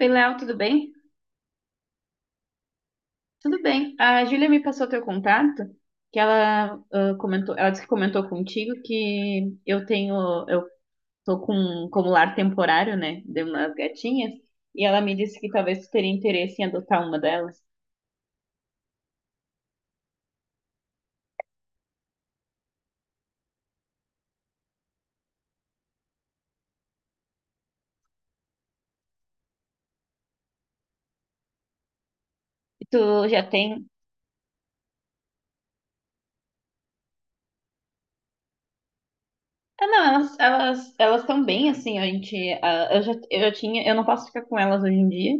Oi, Léo, tudo bem? Tudo bem. A Júlia me passou teu contato, que ela comentou, ela disse que comentou contigo que eu tenho, eu tô com como lar temporário, né, de umas gatinhas, e ela me disse que talvez tu teria interesse em adotar uma delas. E tu já tem? Ah, não, elas estão bem assim, a gente, eu já tinha, eu não posso ficar com elas hoje em dia,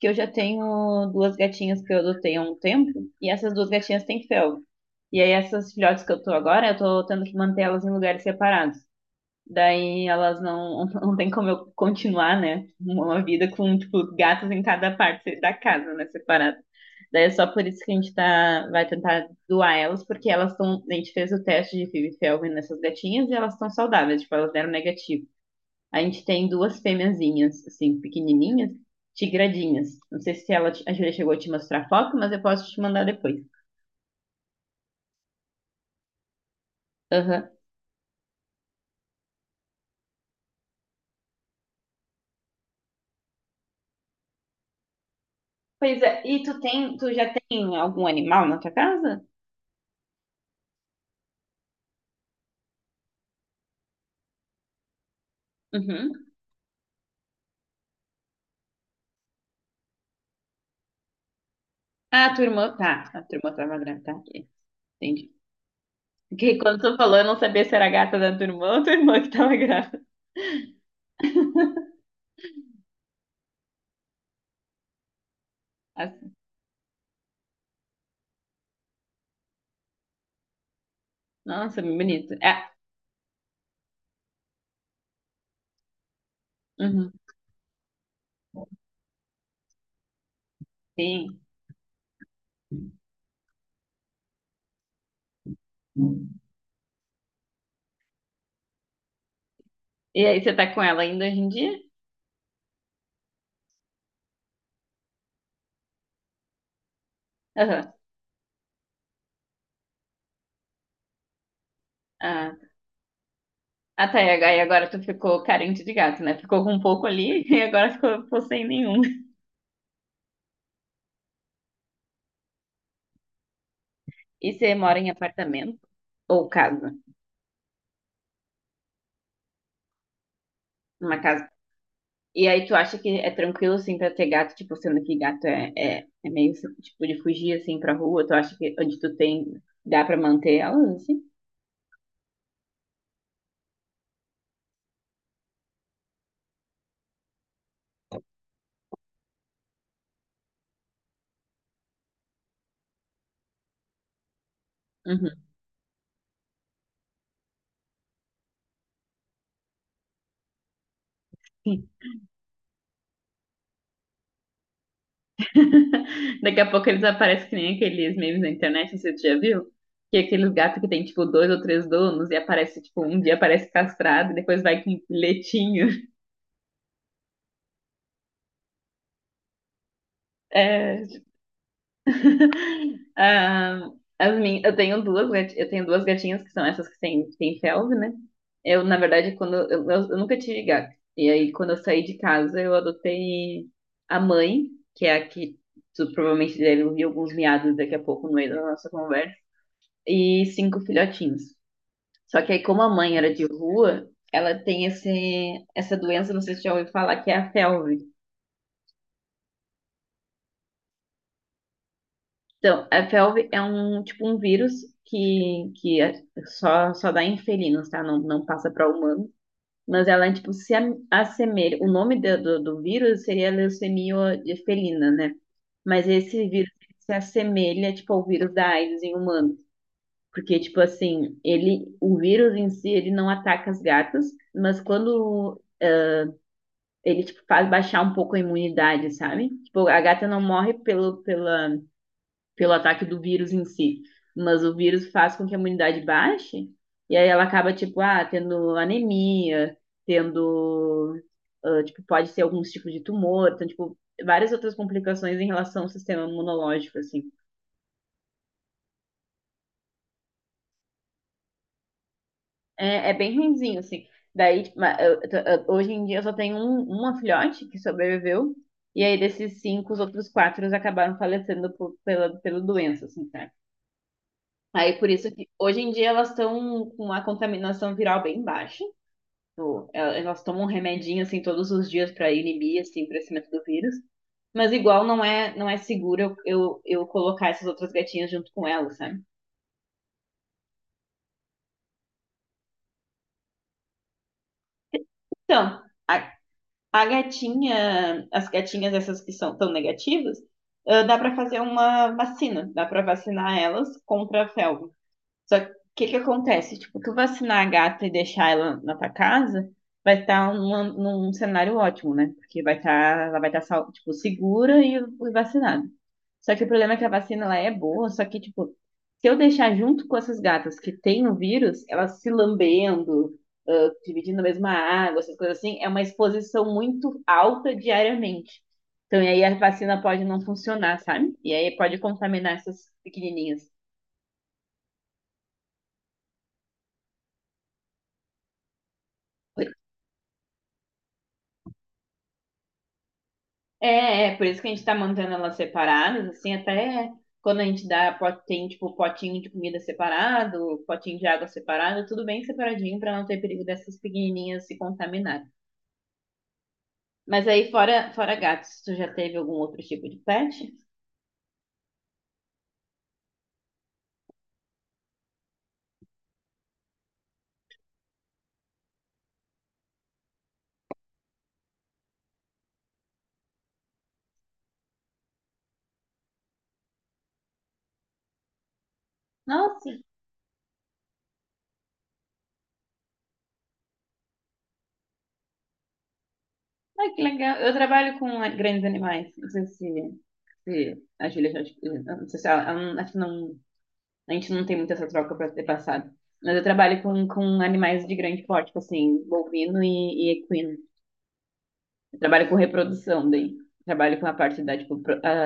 que eu já tenho duas gatinhas que eu adotei há um tempo, e essas duas gatinhas têm felve. E aí essas filhotes que eu tô agora, eu tô tendo que manter elas em lugares separados. Daí elas não, não tem como eu continuar, né? Uma vida com, tipo, gatos em cada parte da casa, né? Separado. Daí é só por isso que a gente tá, vai tentar doar elas, porque elas estão. A gente fez o teste de Phoebe Felvin nessas gatinhas e elas estão saudáveis, tipo, elas deram negativo. A gente tem duas fêmeazinhas, assim, pequenininhas, tigradinhas. Não sei se ela, te- a Júlia chegou a te mostrar a foto, mas eu posso te mandar depois. Aham. Pois é, e tu tem, tu já tem algum animal na tua casa? Uhum. Ah, a tua irmã, tá, a tua irmã tava grávida, tá, ok, entendi. Porque quando tu falou, eu não sabia se era a gata da tua irmã ou tua irmã que tava grávida. Assim, nossa, bem bonito. Ah, uhum, sim. E aí, você tá com ela ainda hoje em dia? Aham. Ah, tá, e agora tu ficou carente de gato, né? Ficou com um pouco ali e agora ficou, ficou sem nenhum. E você mora em apartamento ou casa? Uma casa. E aí tu acha que é tranquilo, assim, pra ter gato, tipo, sendo que gato é, é, é meio, tipo, de fugir, assim, pra rua? Tu acha que onde tu tem, dá pra manter elas, assim? Uhum. Daqui a pouco eles aparecem que nem aqueles memes na internet, não sei se tu já viu. Que é aqueles gatos que tem, tipo, dois ou três donos e aparece, tipo, um dia aparece castrado e depois vai com um letinho. É, ah, as min... Eu tenho duas, gati- eu tenho duas gatinhas que são essas que têm felve, né? Eu, na verdade, quando eu nunca tive gato. E aí, quando eu saí de casa, eu adotei a mãe, que é a que tu provavelmente deve ouvir alguns miados daqui a pouco no meio da nossa conversa, e cinco filhotinhos. Só que aí, como a mãe era de rua, ela tem esse, essa doença, não sei se você já ouviu falar, que é a felve. Então, a FeLV é um tipo um vírus que é- só, só dá em felinos, tá? Não, não passa para humano. Mas ela é tipo se am- assemelha. O nome do, do, do vírus seria leucemia de felina, né? Mas esse vírus se assemelha tipo ao vírus da AIDS em humano. Porque, tipo assim, ele, o vírus em si, ele não ataca as gatas, mas quando ele, tipo, faz baixar um pouco a imunidade, sabe? Tipo, a gata não morre pelo, pela, pelo ataque do vírus em si. Mas o vírus faz com que a imunidade baixe, e aí ela acaba, tipo, tendo anemia, tendo, tipo, pode ser alguns tipos de tumor, então, tipo, várias outras complicações em relação ao sistema imunológico, assim. É, é bem ruimzinho, assim. Daí, tipo, ma- eu- hoje em dia eu só tenho um, uma filhote que sobreviveu, e aí desses cinco, os outros quatro acabaram falecendo por, pela, pela doença, assim, tá? Aí por isso que hoje em dia elas estão com uma contaminação viral bem baixa. Tipo, el- elas tomam um remedinho assim todos os dias para inibir assim, o crescimento do vírus. Mas igual não é seguro eu colocar essas outras gatinhas junto com elas, sabe? Então, a gatinha, as gatinhas essas que são tão negativas, dá para fazer uma vacina, dá para vacinar elas contra a felva. Só que o que que acontece? Tipo, tu vacinar a gata e deixar ela na tua casa, vai estar numa- num cenário ótimo, né? Porque vai estar, ela vai estar, sal- tipo, segura e vacinada. Só que o problema é que a vacina, ela é boa, só que, tipo, se eu deixar junto com essas gatas que têm o vírus, elas se lambendo, dividindo a mesma água, essas coisas assim, é uma exposição muito alta diariamente. Então, e aí a vacina pode não funcionar, sabe? E aí pode contaminar essas pequenininhas. É, é, por isso que a gente tá mantendo elas separadas, assim, até quando a gente dá, po- tem, tipo, potinho de comida separado, potinho de água separado, tudo bem separadinho pra não ter perigo dessas pequenininhas se contaminarem. Mas aí, fora, fora gatos, tu já teve algum outro tipo de pet? Nossa, ai, que legal. Eu trabalho com a- grandes animais, não sei se, se a Júlia já, te- não sei se ela, ela não- acho que não, a gente não tem muita essa troca pra ter passado. Mas eu trabalho com animais de grande porte, tipo assim, bovino e equino. Eu trabalho com reprodução daí. Trabalho com a parte da tipo, pro- a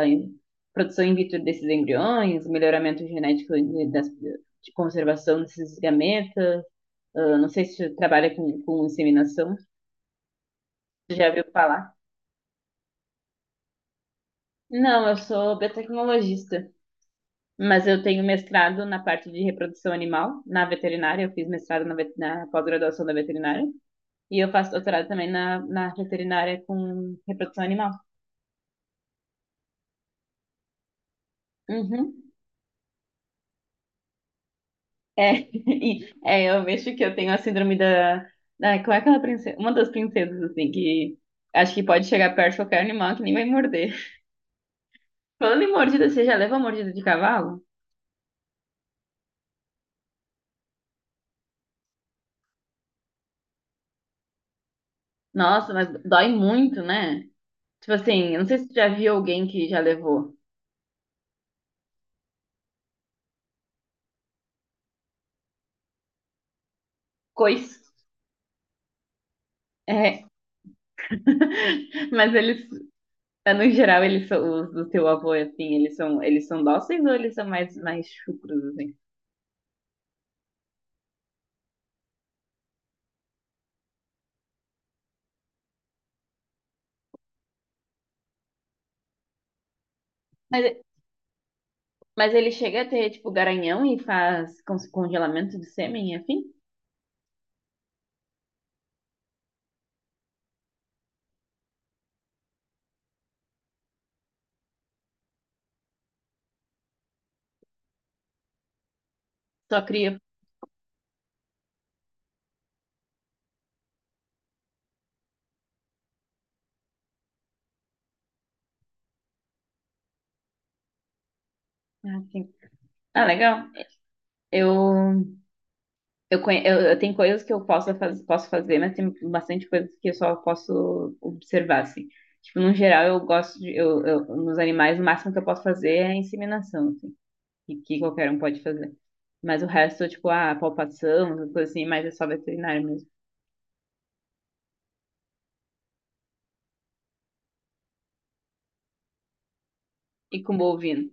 produção in vitro desses embriões, melhoramento genético de, das, de conservação desses gametas. Ah, não sei se você trabalha com inseminação. Você já ouviu falar? Não, eu sou biotecnologista, mas eu tenho mestrado na parte de reprodução animal, na veterinária. Eu fiz mestrado na, vet- na pós-graduação da veterinária. E eu faço doutorado também na, na veterinária com reprodução animal. Uhum. É, e- é, eu mexo que eu tenho a síndrome da. Ah, como é aquela princesa? Uma das princesas, assim, que acho que pode chegar perto de qualquer animal que nem vai morder. Falando em mordida, você já leva uma mordida de cavalo? Nossa, mas dói muito, né? Tipo assim, eu não sei se você já viu alguém que já levou coice. É, mas eles, é, no geral, eles são os do teu avô, assim, eles são dóceis ou eles são mais, mais chucros, assim? Mas, mas ele chega a ter, tipo, garanhão e faz con- congelamento de sêmen, enfim? Só cria. Ah, sim. Ah, legal. Eu, eu, conhe- eu tenho coisas que eu posso, faz- posso fazer, mas tem bastante coisas que eu só posso observar, assim. Tipo, no geral, eu gosto de, eu- nos animais, o máximo que eu posso fazer é a inseminação, assim, que qualquer um pode fazer. Mas o resto, tipo, a palpação, essas coisas assim, mas é só veterinário mesmo. E com bovino.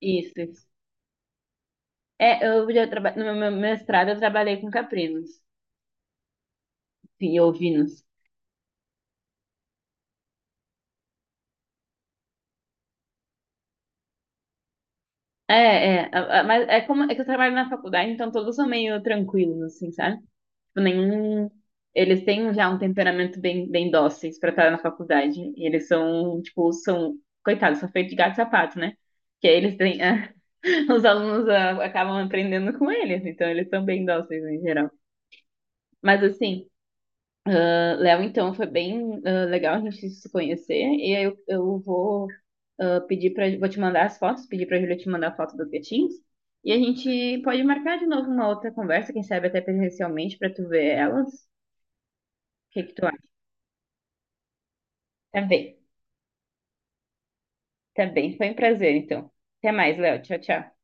Isso, isso. É, eu já trabalhei, no meu mestrado eu trabalhei com caprinos e ovinos. É, é, a- mas é como é que eu trabalho na faculdade, então todos são meio tranquilos, assim, sabe? Tipo, nenhum. Eles têm já um temperamento bem, bem dóceis pra estar na faculdade. E eles são, tipo, são. Coitados, são feitos de gato e sapato, né? Que aí eles têm. Os alunos acabam aprendendo com eles, então eles são bem dóceis em geral. Mas, assim. Léo, então, foi bem legal a gente se conhecer. E aí eu vou pedir para, vou te mandar as fotos, pedir para a Júlia te mandar a foto dos gatinhos. E a gente pode marcar de novo uma outra conversa, quem sabe até presencialmente, para tu ver elas. O que que tu acha? Tá bem, tá bem. Foi um prazer, então. Até mais, Léo. Tchau, tchau.